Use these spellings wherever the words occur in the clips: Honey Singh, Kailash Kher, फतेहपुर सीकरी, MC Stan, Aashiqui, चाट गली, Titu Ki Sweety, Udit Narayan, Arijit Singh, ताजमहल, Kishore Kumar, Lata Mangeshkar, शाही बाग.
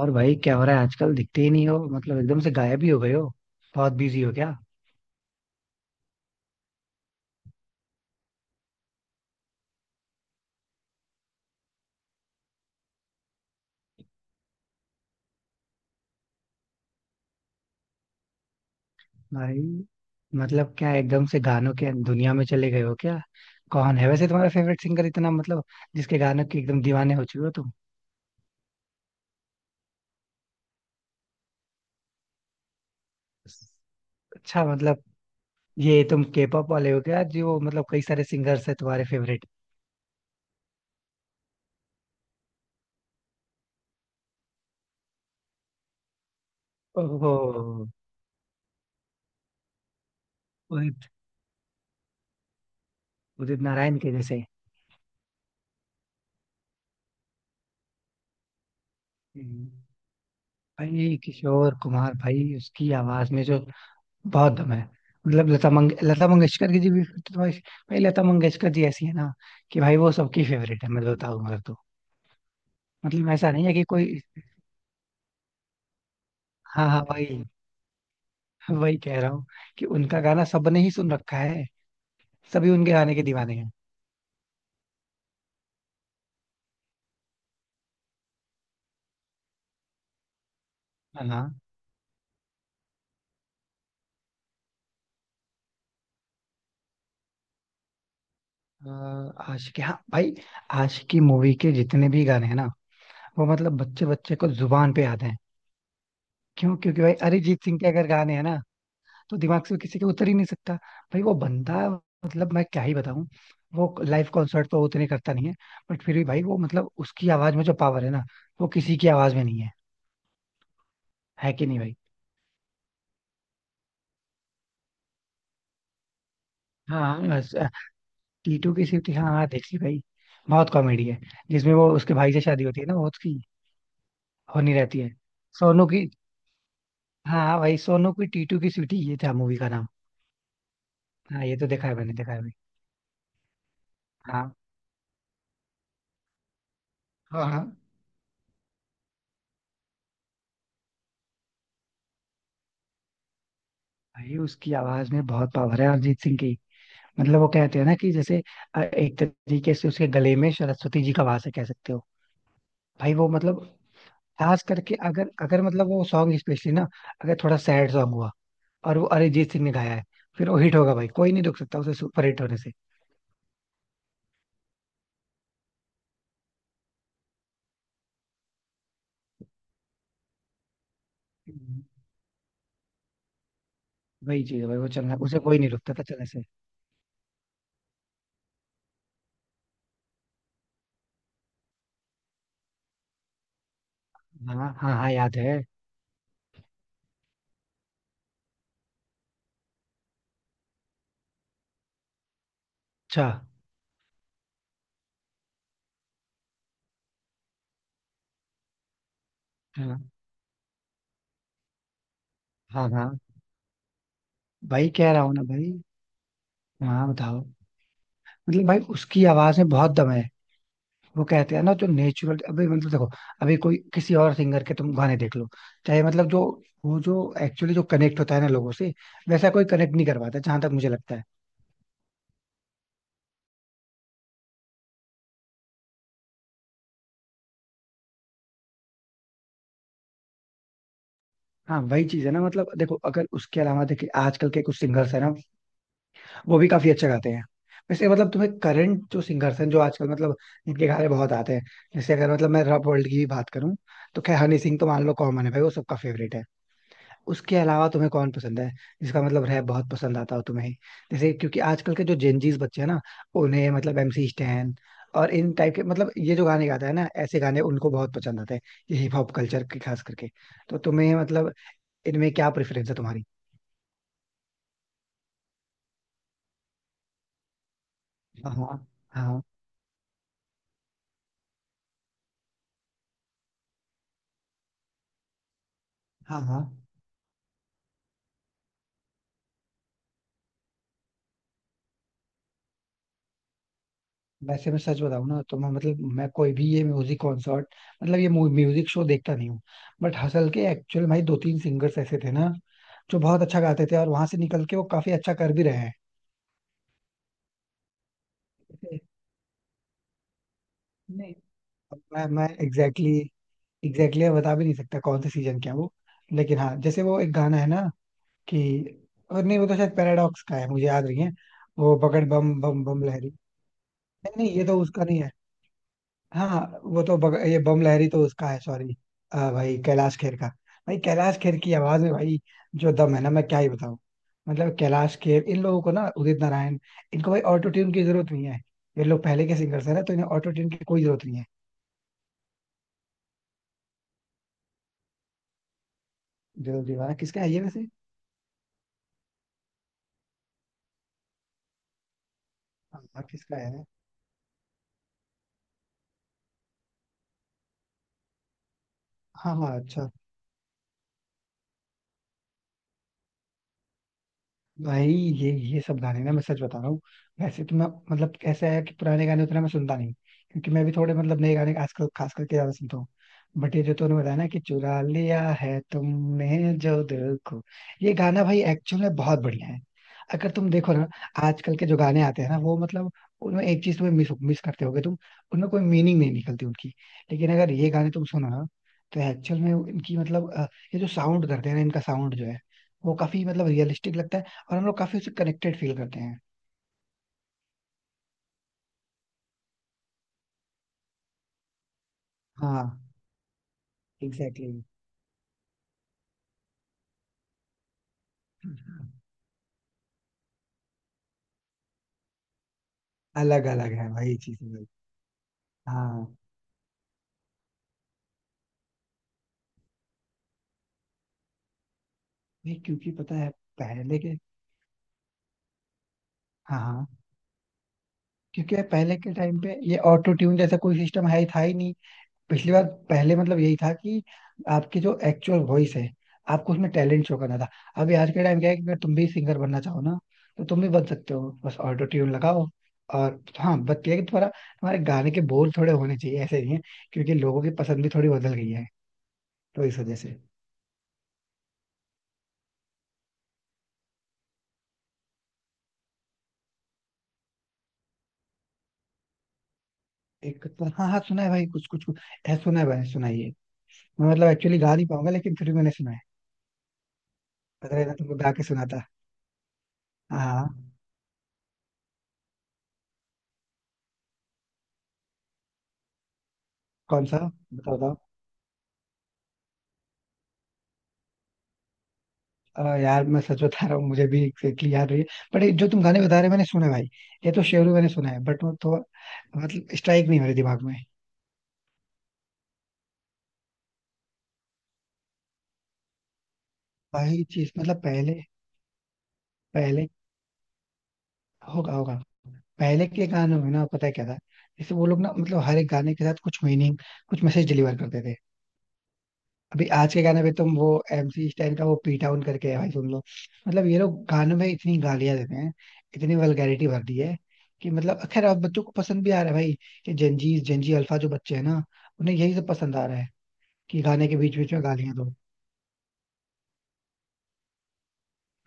और भाई क्या हो रहा है आजकल? दिखते ही नहीं हो, मतलब एकदम से गायब ही हो गए हो। बहुत बिजी हो क्या? भाई मतलब क्या एकदम से गानों के दुनिया में चले गए हो क्या? कौन है वैसे तुम्हारा फेवरेट सिंगर इतना, मतलब जिसके गानों के एकदम दीवाने हो चुके हो तुम? अच्छा, मतलब ये तुम के पॉप वाले हो क्या, जो मतलब कई सारे सिंगर्स है तुम्हारे फेवरेट? ओहो। उदित उदित नारायण के जैसे। हम्म। भाई किशोर कुमार, भाई उसकी आवाज में जो बहुत दम है। मतलब लता मंगेशकर की जी भी, फिर तो भाई। भाई लता मंगेशकर जी ऐसी है ना, कि भाई वो सबकी फेवरेट है, मैं तो बताऊं अगर तो। मतलब ऐसा नहीं है कि कोई। हाँ हाँ भाई, वही कह रहा हूँ कि उनका गाना सबने ही सुन रखा है। सभी उनके गाने के दीवाने हैं। हाँ हाँ। आशिकी, हाँ भाई। आशिकी मूवी के जितने भी गाने हैं ना, वो मतलब बच्चे बच्चे को जुबान पे याद हैं। क्यों? क्योंकि भाई अरिजीत सिंह के अगर गाने हैं ना, तो दिमाग से किसी के उतर ही नहीं सकता। भाई वो बंदा, मतलब मैं क्या ही बताऊं। वो लाइव कॉन्सर्ट तो उतने करता नहीं है, बट फिर भी भाई वो मतलब उसकी आवाज में जो पावर है ना, वो किसी की आवाज में नहीं है। है कि नहीं भाई? हाँ बस, टीटू की सिटी, हाँ हाँ देख ली भाई। बहुत कॉमेडी है। जिसमें वो उसके भाई से शादी होती है ना, वो उसकी होनी रहती है, सोनू की। हाँ हाँ भाई, सोनू की टीटू की सिटी, ये था मूवी का नाम। हाँ, ये तो देखा है, मैंने देखा है भाई। हाँ हाँ। हाँ भाई उसकी आवाज में बहुत पावर है, अरिजीत सिंह की। मतलब वो कहते हैं ना कि जैसे एक तरीके से उसके गले में सरस्वती जी का वास है, कह सकते हो। भाई वो मतलब खास करके अगर अगर मतलब वो सॉन्ग स्पेशली ना, अगर थोड़ा सैड सॉन्ग हुआ, और वो अरिजीत सिंह ने गाया है, फिर वो हिट होगा भाई, कोई नहीं रोक सकता उसे सुपर हिट होने से। हम्म। वही चीज है भाई, वो चलना, उसे कोई नहीं रोकता था चलने से। हाँ हाँ हाँ याद है। अच्छा। हाँ हाँ। हाँ भाई कह रहा हूँ ना भाई। हाँ बताओ। मतलब भाई उसकी आवाज में बहुत दम है। वो कहते हैं ना जो नेचुरल, अभी मतलब देखो, अभी कोई किसी और सिंगर के तुम गाने देख लो, चाहे मतलब जो, वो जो एक्चुअली जो कनेक्ट होता है ना लोगों से, वैसा कोई कनेक्ट नहीं कर पाता, जहां तक मुझे लगता है। हाँ वही चीज है ना। मतलब देखो, अगर उसके अलावा देखिए आजकल के कुछ सिंगर्स है ना, वो भी काफी अच्छा गाते हैं। वैसे मतलब तुम्हें करंट जो सिंगर्स हैं, जो आजकल मतलब इनके गाने बहुत आते हैं। जैसे अगर मतलब मैं रॉप वर्ल्ड की भी बात करूं, तो खैर हनी सिंह तो मान लो कॉमन है भाई, वो सबका फेवरेट है। उसके अलावा तुम्हें कौन पसंद है, जिसका मतलब रैप बहुत पसंद आता हो तुम्हें? जैसे क्योंकि आजकल के जो जेनजीज बच्चे हैं ना, उन्हें मतलब एमसी स्टैन और इन टाइप के, मतलब ये जो गाने गाता है ना, ऐसे गाने उनको बहुत पसंद आते हैं, ये हिप हॉप कल्चर के खास करके। तो तुम्हें मतलब इनमें क्या प्रेफरेंस है तुम्हारी? हाँ हाँ हाँ हाँ। हाँ। वैसे मैं सच बताऊं ना, तो मैं मतलब मैं कोई भी ये म्यूजिक कॉन्सर्ट, मतलब ये म्यूजिक शो देखता नहीं हूँ। बट हसल के एक्चुअल भाई दो तीन सिंगर्स ऐसे थे ना, जो बहुत अच्छा गाते थे, और वहां से निकल के वो काफी अच्छा कर भी रहे हैं। से नहीं। अब मैं एग्जैक्टली बता भी नहीं सकता कौन से सीजन का है वो। लेकिन हाँ, जैसे वो एक गाना है ना, कि, और नहीं, वो तो शायद पैराडॉक्स का है, मुझे याद नहीं है। वो पकड़, बम बम बम लहरी। नहीं नहीं, ये तो उसका नहीं है। हाँ वो तो ये बम लहरी तो उसका है, सॉरी। भाई कैलाश खेर का। भाई कैलाश खेर की आवाज में भाई जो दम है ना, मैं क्या ही बताऊं। मतलब कैलाश खेर, इन लोगों को ना, उदित नारायण, इनको भाई ऑटो ट्यून की जरूरत नहीं है। ये लोग पहले के सिंगर्स हैं ना, तो इन्हें ऑटो ट्यून की कोई जरूरत नहीं है। दिल दीवाना किसका है ये वैसे? हाँ किसका है? हाँ हाँ अच्छा। भाई ये सब गाने ना, मैं सच बता रहा हूँ। वैसे तो मैं मतलब ऐसा है कि पुराने गाने उतना मैं सुनता नहीं, क्योंकि मैं भी थोड़े मतलब नए गाने आजकल खास करके ज्यादा सुनता हूँ। बट ये जो तूने बताया ना, कि चुरा लिया है तुमने जो दिल को, ये गाना भाई एक्चुअल में बहुत बढ़िया है। अगर तुम देखो ना, आजकल के जो गाने आते हैं ना वो मतलब, उनमें एक चीज तुम्हें मिस मिस करते होगे तुम, उनमें कोई मीनिंग नहीं निकलती उनकी। लेकिन अगर ये गाने तुम सुनो ना, तो एक्चुअल में इनकी मतलब ये जो साउंड करते हैं ना, इनका साउंड जो है, वो काफी मतलब रियलिस्टिक लगता है, और हम लोग काफी उससे कनेक्टेड फील करते हैं। हाँ। Exactly exactly. अलग अलग है भाई चीजें भाई। हाँ भाई, क्योंकि पता है पहले के। हाँ हाँ। क्योंकि यार पहले के टाइम पे ये ऑटो ट्यून जैसा कोई सिस्टम है ही था ही नहीं। पिछली बार, पहले मतलब यही था कि आपकी जो एक्चुअल वॉइस है, आपको उसमें टैलेंट शो करना था। अभी आज के टाइम क्या है, कि अगर तुम भी सिंगर बनना चाहो ना, तो तुम भी बन सकते हो, बस ऑटो ट्यून लगाओ। और हाँ, बट ये है कि थोड़ा हमारे गाने के बोल थोड़े होने चाहिए, ऐसे नहीं है, क्योंकि लोगों की पसंद भी थोड़ी बदल गई है। तो इस वजह से। एक तो हाँ हाँ, सुना है भाई, कुछ कुछ कुछ ऐसा सुना है भाई, सुनाइए। मैं मतलब एक्चुअली गा नहीं पाऊंगा, लेकिन फिर भी मैंने सुना है। अगर है ना, तो मैं गा के सुनाता। हाँ हाँ। कौन सा? बताओ बताओ। यार मैं सच बता रहा हूँ, मुझे भी एग्जैक्टली याद रही है। बट जो तुम गाने बता रहे हो मैंने सुना है भाई, ये तो शेरू मैंने सुना है, बट वो थोड़ा मतलब स्ट्राइक नहीं हो रही दिमाग में। वही चीज, मतलब पहले, पहले होगा होगा, पहले के गानों में ना पता है क्या था, जैसे वो लोग ना मतलब हर एक गाने के साथ कुछ मीनिंग, कुछ मैसेज डिलीवर करते थे। अभी आज के गाने पे तुम वो एमसी स्टैन का वो पी टाउन करके है भाई, सुन लो। मतलब ये लोग गानों में इतनी गालियां देते हैं, इतनी वल्गैरिटी भर दी है, कि मतलब खैर अब बच्चों को पसंद भी आ रहा है भाई। ये जेंजी जेंजी अल्फा जो बच्चे हैं ना, उन्हें यही सब पसंद आ रहा है, कि गाने के बीच बीच में गालियां दो।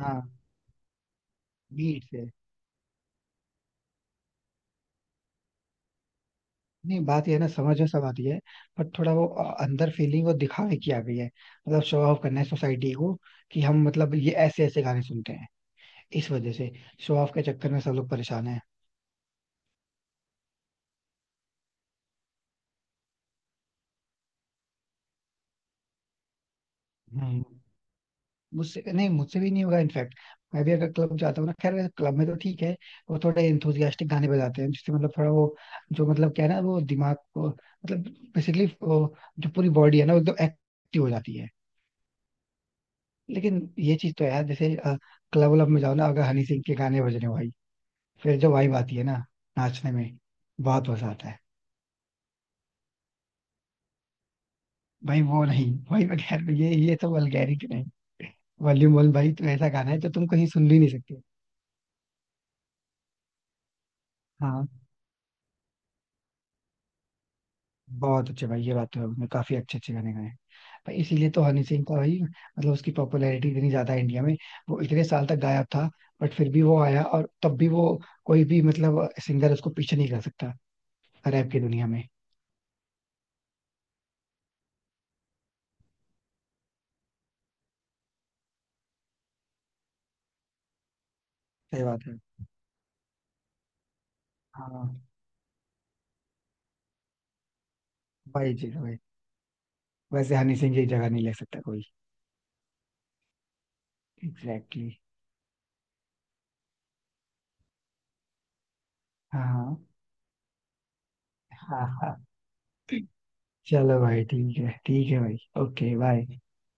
हाँ। बीट से। नहीं, बात ये है ना, समझ में सब आती है, पर थोड़ा वो अंदर फीलिंग वो दिखावे की आ गई है, मतलब शो ऑफ करना है सोसाइटी को, कि हम मतलब ये ऐसे ऐसे गाने सुनते हैं। इस वजह से शो ऑफ के चक्कर में सब लोग परेशान। है। मुझसे नहीं, मुझसे भी नहीं होगा इनफैक्ट। मैं भी अगर क्लब जाता हूँ ना, खैर क्लब में तो ठीक है, वो थोड़े इंथुजियास्टिक गाने बजाते हैं, जिससे मतलब थोड़ा वो जो मतलब क्या है ना, वो दिमाग को मतलब बेसिकली जो पूरी बॉडी है ना, वो एकदम एक्टिव हो जाती है। लेकिन ये चीज तो है यार, जैसे क्लब व्लब में जाओ ना, अगर हनी सिंह के गाने बज रहे हो भाई, फिर जो वाइब आती है ना नाचने में, बहुत मजा आता है। भाई वो नहीं भाई, मैं कह रहा हूँ, ये तो वल्गैरिटी नहीं। वॉल्यूम 1 भाई तो ऐसा गाना है, जो तुम कहीं सुन भी नहीं सकते। हाँ। बहुत अच्छे भाई, ये बात तो है, उसने काफी अच्छे अच्छे गाने गाए हैं। भाई इसीलिए तो हनी सिंह का भाई, मतलब उसकी पॉपुलैरिटी इतनी ज्यादा है इंडिया में। वो इतने साल तक गायब था, बट फिर भी वो आया, और तब भी वो, कोई भी मतलब सिंगर उसको पीछे नहीं कर सकता रैप की दुनिया में। सही बात है। हाँ। भाई जी भाई, वैसे हनी सिंह की जगह नहीं ले सकता कोई। Exactly exactly. हाँ हाँ हाँ हाँ। चलो भाई, ठीक है भाई। Okay bye.